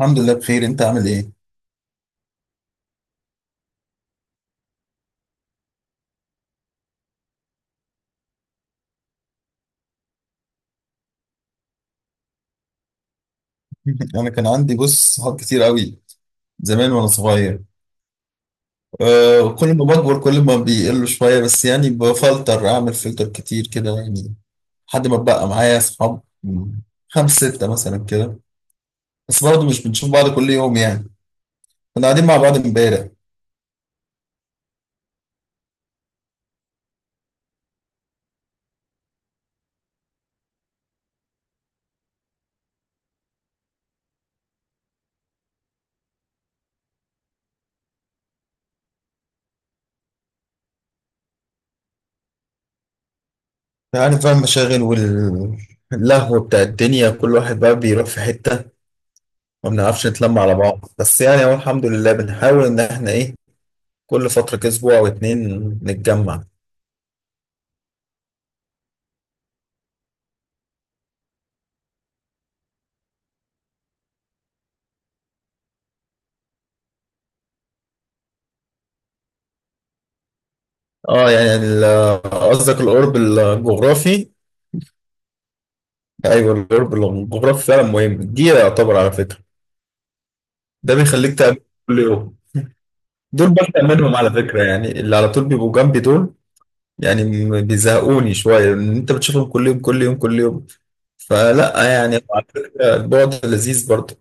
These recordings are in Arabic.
الحمد لله بخير، انت عامل ايه؟ انا كان عندي، بص، صحاب كتير قوي زمان وانا صغير. أه، كل ما بكبر كل ما بيقلوا شويه، بس يعني اعمل فلتر كتير كده يعني. لحد ما بقى معايا صحاب خمس ستة مثلا كده. بس برضه مش بنشوف بعض كل يوم يعني. كنا قاعدين مع بعض امبارح انت. عارف بقى المشاغل واللهو بتاع الدنيا، كل واحد بقى بيروح في حتة. ما بنعرفش نتلم على بعض، بس يعني هو الحمد لله بنحاول ان احنا ايه، كل فترة كده اسبوع او اتنين نتجمع. اه يعني قصدك القرب الجغرافي. ايوه، القرب الجغرافي فعلا مهم، دي يعتبر على فكره. ده بيخليك تقابل كل يوم. دول ببدأ منهم على فكره، يعني اللي على طول بيبقوا جنبي دول. يعني بيزهقوني شويه، لان انت بتشوفهم كل يوم كل يوم كل يوم. فلا يعني على فكره البعد لذيذ برضه.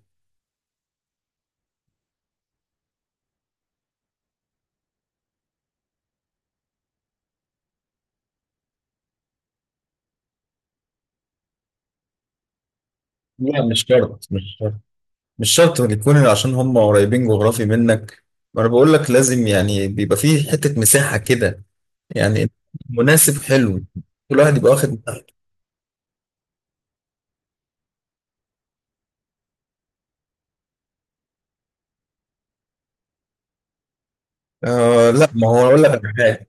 لا، مش شرط، مش شرط. مش شرط يكون عشان هم قريبين جغرافي منك. ما انا بقول لك لازم يعني بيبقى فيه حته مساحه كده، يعني مناسب، حلو. كل واحد يبقى واخد مساحته. آه لا، ما هو اقول لك على حاجه.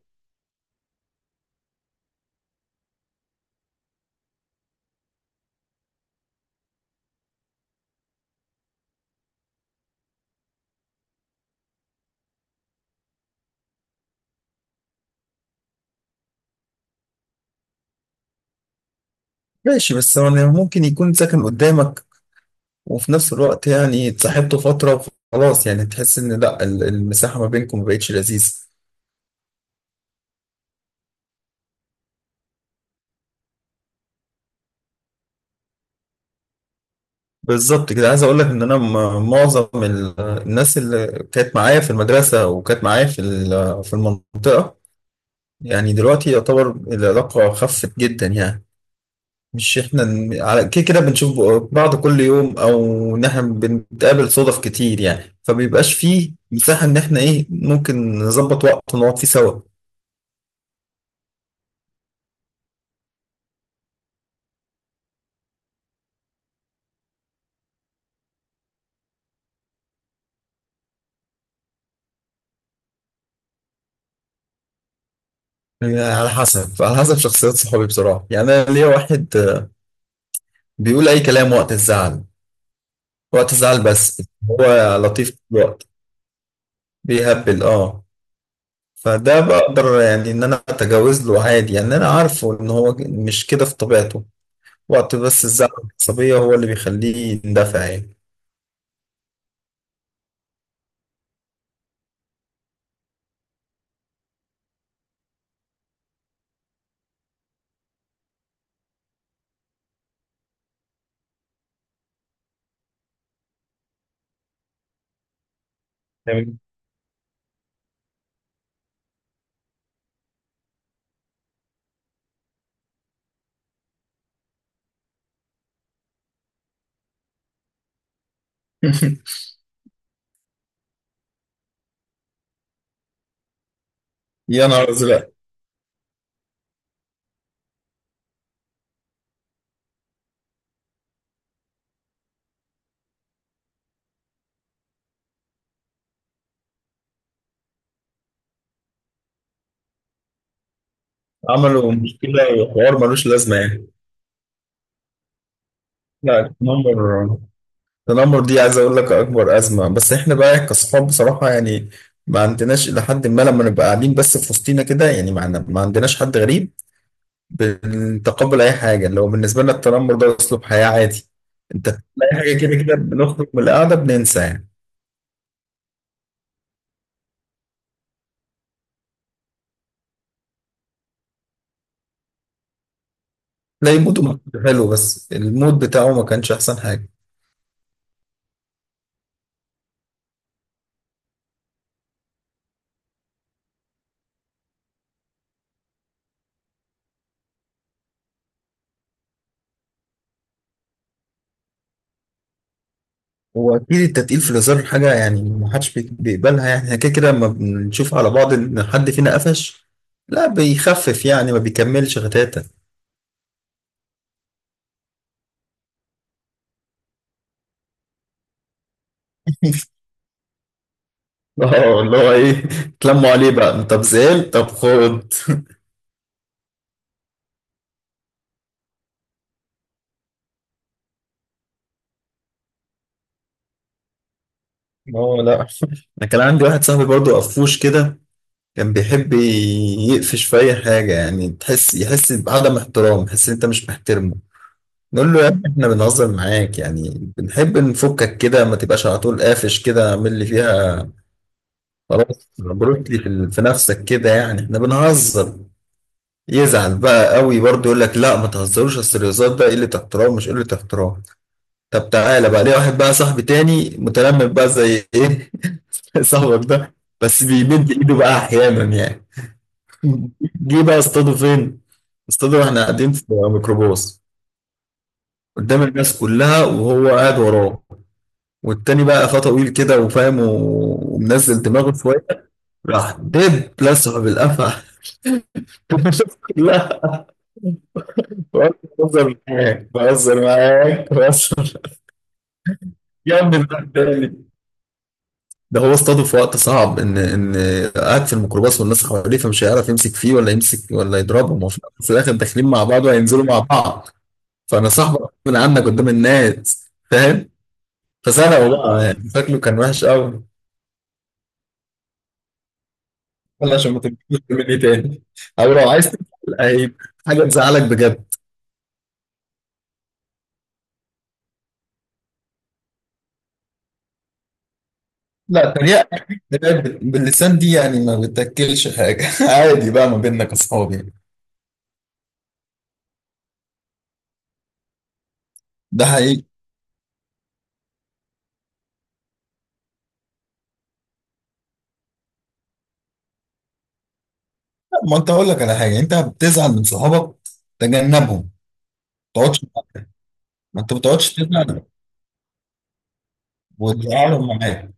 ماشي، بس هو يعني ممكن يكون ساكن قدامك وفي نفس الوقت يعني اتصاحبته فتره وخلاص، يعني تحس ان لا المساحه ما بينكم ما بقتش لذيذه. بالظبط كده، عايز اقول لك ان انا معظم الناس اللي كانت معايا في المدرسه وكانت معايا في في المنطقه، يعني دلوقتي يعتبر العلاقه خفت جدا يعني. مش احنا على كده كده بنشوف بعض كل يوم، او ان احنا بنتقابل صدف كتير يعني، فبيبقاش فيه مساحة ان احنا ايه ممكن نظبط وقت ونقعد فيه سوا. يعني على حسب شخصيات صحابي بصراحة. يعني انا ليا واحد بيقول اي كلام وقت الزعل. وقت الزعل بس. هو لطيف في الوقت، بيهبل اه. فده بقدر يعني ان انا اتجاوز له عادي، يعني انا عارفه ان هو مش كده في طبيعته. وقت بس الزعل العصبية هو اللي بيخليه يندفع يعني. تمام. يا نهار ازرق. عملوا مشكله وحوار ملوش لازمه يعني. لا التنمر. التنمر دي عايز اقول لك اكبر ازمه، بس احنا بقى كصحاب بصراحه يعني ما عندناش، الى حد ما لما نبقى قاعدين بس في وسطينا كده يعني ما عندناش حد غريب. بنتقبل اي حاجه، لو بالنسبه لنا التنمر ده اسلوب حياه عادي. انت اي حاجه، كده كده بنخرج من القعده بننسى يعني. تلاقي موده حلو، بس المود بتاعه ما كانش احسن حاجه. هو اكيد التتقيل في الهزار حاجه، يعني ما حدش بيقبلها، يعني احنا كده كده لما بنشوف على بعض ان حد فينا قفش، لا بيخفف يعني، ما بيكملش غتاته. اه اللي هو ايه، تلموا عليه بقى؟ طب زعل طب خد. اه لا، انا كان عندي واحد صاحبي برضو قفوش كده، كان بيحب يقفش في اي حاجه، يعني يحس بعدم احترام، يحس ان انت مش محترمه. نقول له يا ابني احنا بنهزر معاك، يعني بنحب نفكك كده، ما تبقاش على طول قافش كده، اعمل لي فيها. خلاص مبروك لي في في نفسك كده، يعني احنا بنهزر. يزعل بقى قوي برضه، يقول لك لا ما تهزروش، اصل الهزار ده قله احترام. مش قله احترام، طب تعالى بقى. ليه واحد بقى صاحبي تاني متلمم بقى زي ايه. صاحبك ده بس بيمد ايده بقى احيانا يعني. جه بقى اصطاده فين؟ اصطاده واحنا قاعدين في ميكروباص، قدام الناس كلها، وهو قاعد وراه، والتاني بقى قفاه طويل كده وفاهم ومنزل دماغه شويه، راح دب لسه بالقفا. لا، بهزر معاك، بهزر معاك، بهزر. يا عم ده تاني. ده هو اصطاده في وقت صعب، ان قاعد في الميكروباص والناس حواليه، فمش هيعرف يمسك فيه ولا يمسك ولا يضربهم، هو في الأول وفي الاخر داخلين مع بعض وهينزلوا مع بعض. فانا صاحبك من عنك قدام الناس، فاهم. فسرقوا بقى، يعني شكله كان وحش قوي. ولا عشان ما تبقاش مني تاني، او لو عايز تزعل، هيبقى حاجه تزعلك بجد. لا، تريق باللسان دي يعني ما بتاكلش حاجه. عادي بقى ما بيننا كصحاب يعني. ده حقيقي. لا، ما انت اقول لك على حاجه، انت بتزعل من صحابك تجنبهم، ما تقعدش معاهم. ما انت ما بتقعدش تزعل وتزعلهم معاك.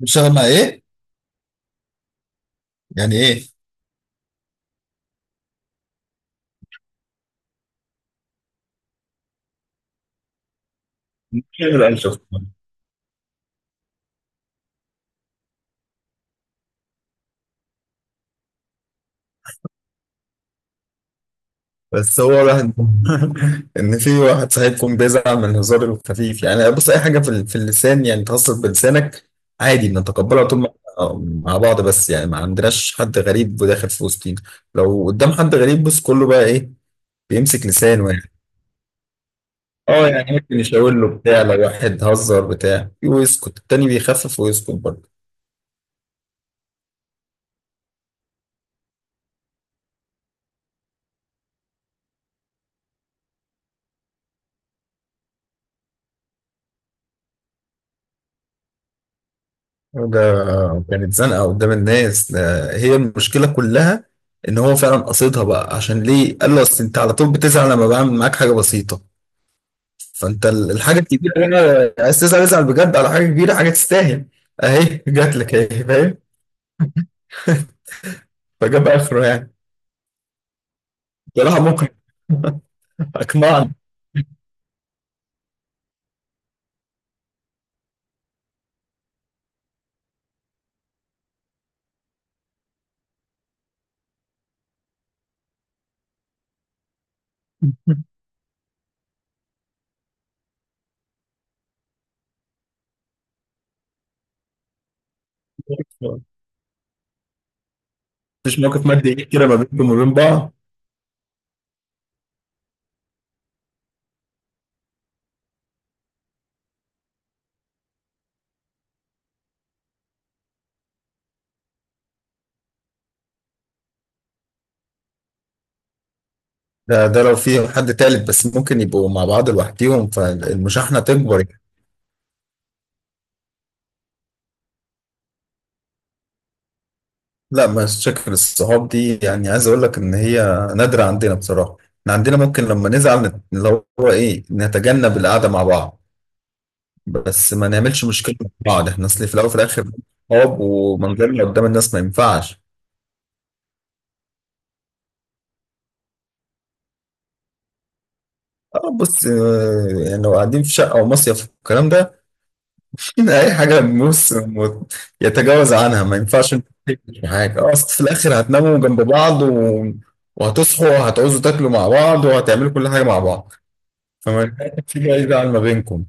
بتشتغل مع ايه؟ يعني ايه؟ شغل قال شخص. بس هو واحد. ان في واحد صاحبكم بيزعل من الهزار الخفيف، يعني بص اي حاجه في اللسان، يعني تهزر بلسانك عادي بنتقبلها طول ما مع بعض، بس يعني ما عندناش حد غريب داخل في وسطينا. لو قدام حد غريب بص، كله بقى ايه، بيمسك لسانه يعني. اه يعني ممكن يشاور له بتاع، لو واحد هزر بتاع ويسكت التاني، بيخفف ويسكت برضه. ده كانت زنقة قدام الناس، ده هي المشكلة كلها. ان هو فعلا قصدها بقى، عشان ليه قال له اصل انت على طول بتزعل لما بعمل معاك حاجة بسيطة. فانت الحاجة الكبيرة هنا عايز تزعل، ازعل بجد على حاجة كبيرة، حاجة تستاهل. اهي جات لك اهي، فاهم. فجاب اخره يعني. بصراحة ممكن. اقنعني. مفيش موقف مادي كده ما بينكم وما بين بعض؟ ده لو في حد تالت، بس ممكن يبقوا مع بعض لوحديهم فالمشاحنة تكبر يعني. لا، مشاكل الصحاب دي يعني عايز اقول لك ان هي نادرة عندنا بصراحة. احنا عندنا ممكن لما نزعل اللي هو ايه، نتجنب القعدة مع بعض. بس ما نعملش مشكلة مع بعض، احنا اصل في الاول وفي الاخر صحاب، ومنظرنا قدام الناس ما ينفعش. اه بص، يعني لو قاعدين في شقة او مصيف والكلام ده، اي حاجة بص يتجاوز عنها، ما ينفعش انت تكتشف حاجة، اصل في الاخر هتناموا جنب بعض وهتصحوا وهتعوزوا تاكلوا مع بعض وهتعملوا كل حاجة مع بعض. فما ينفعش في بعيد عن ما بينكم.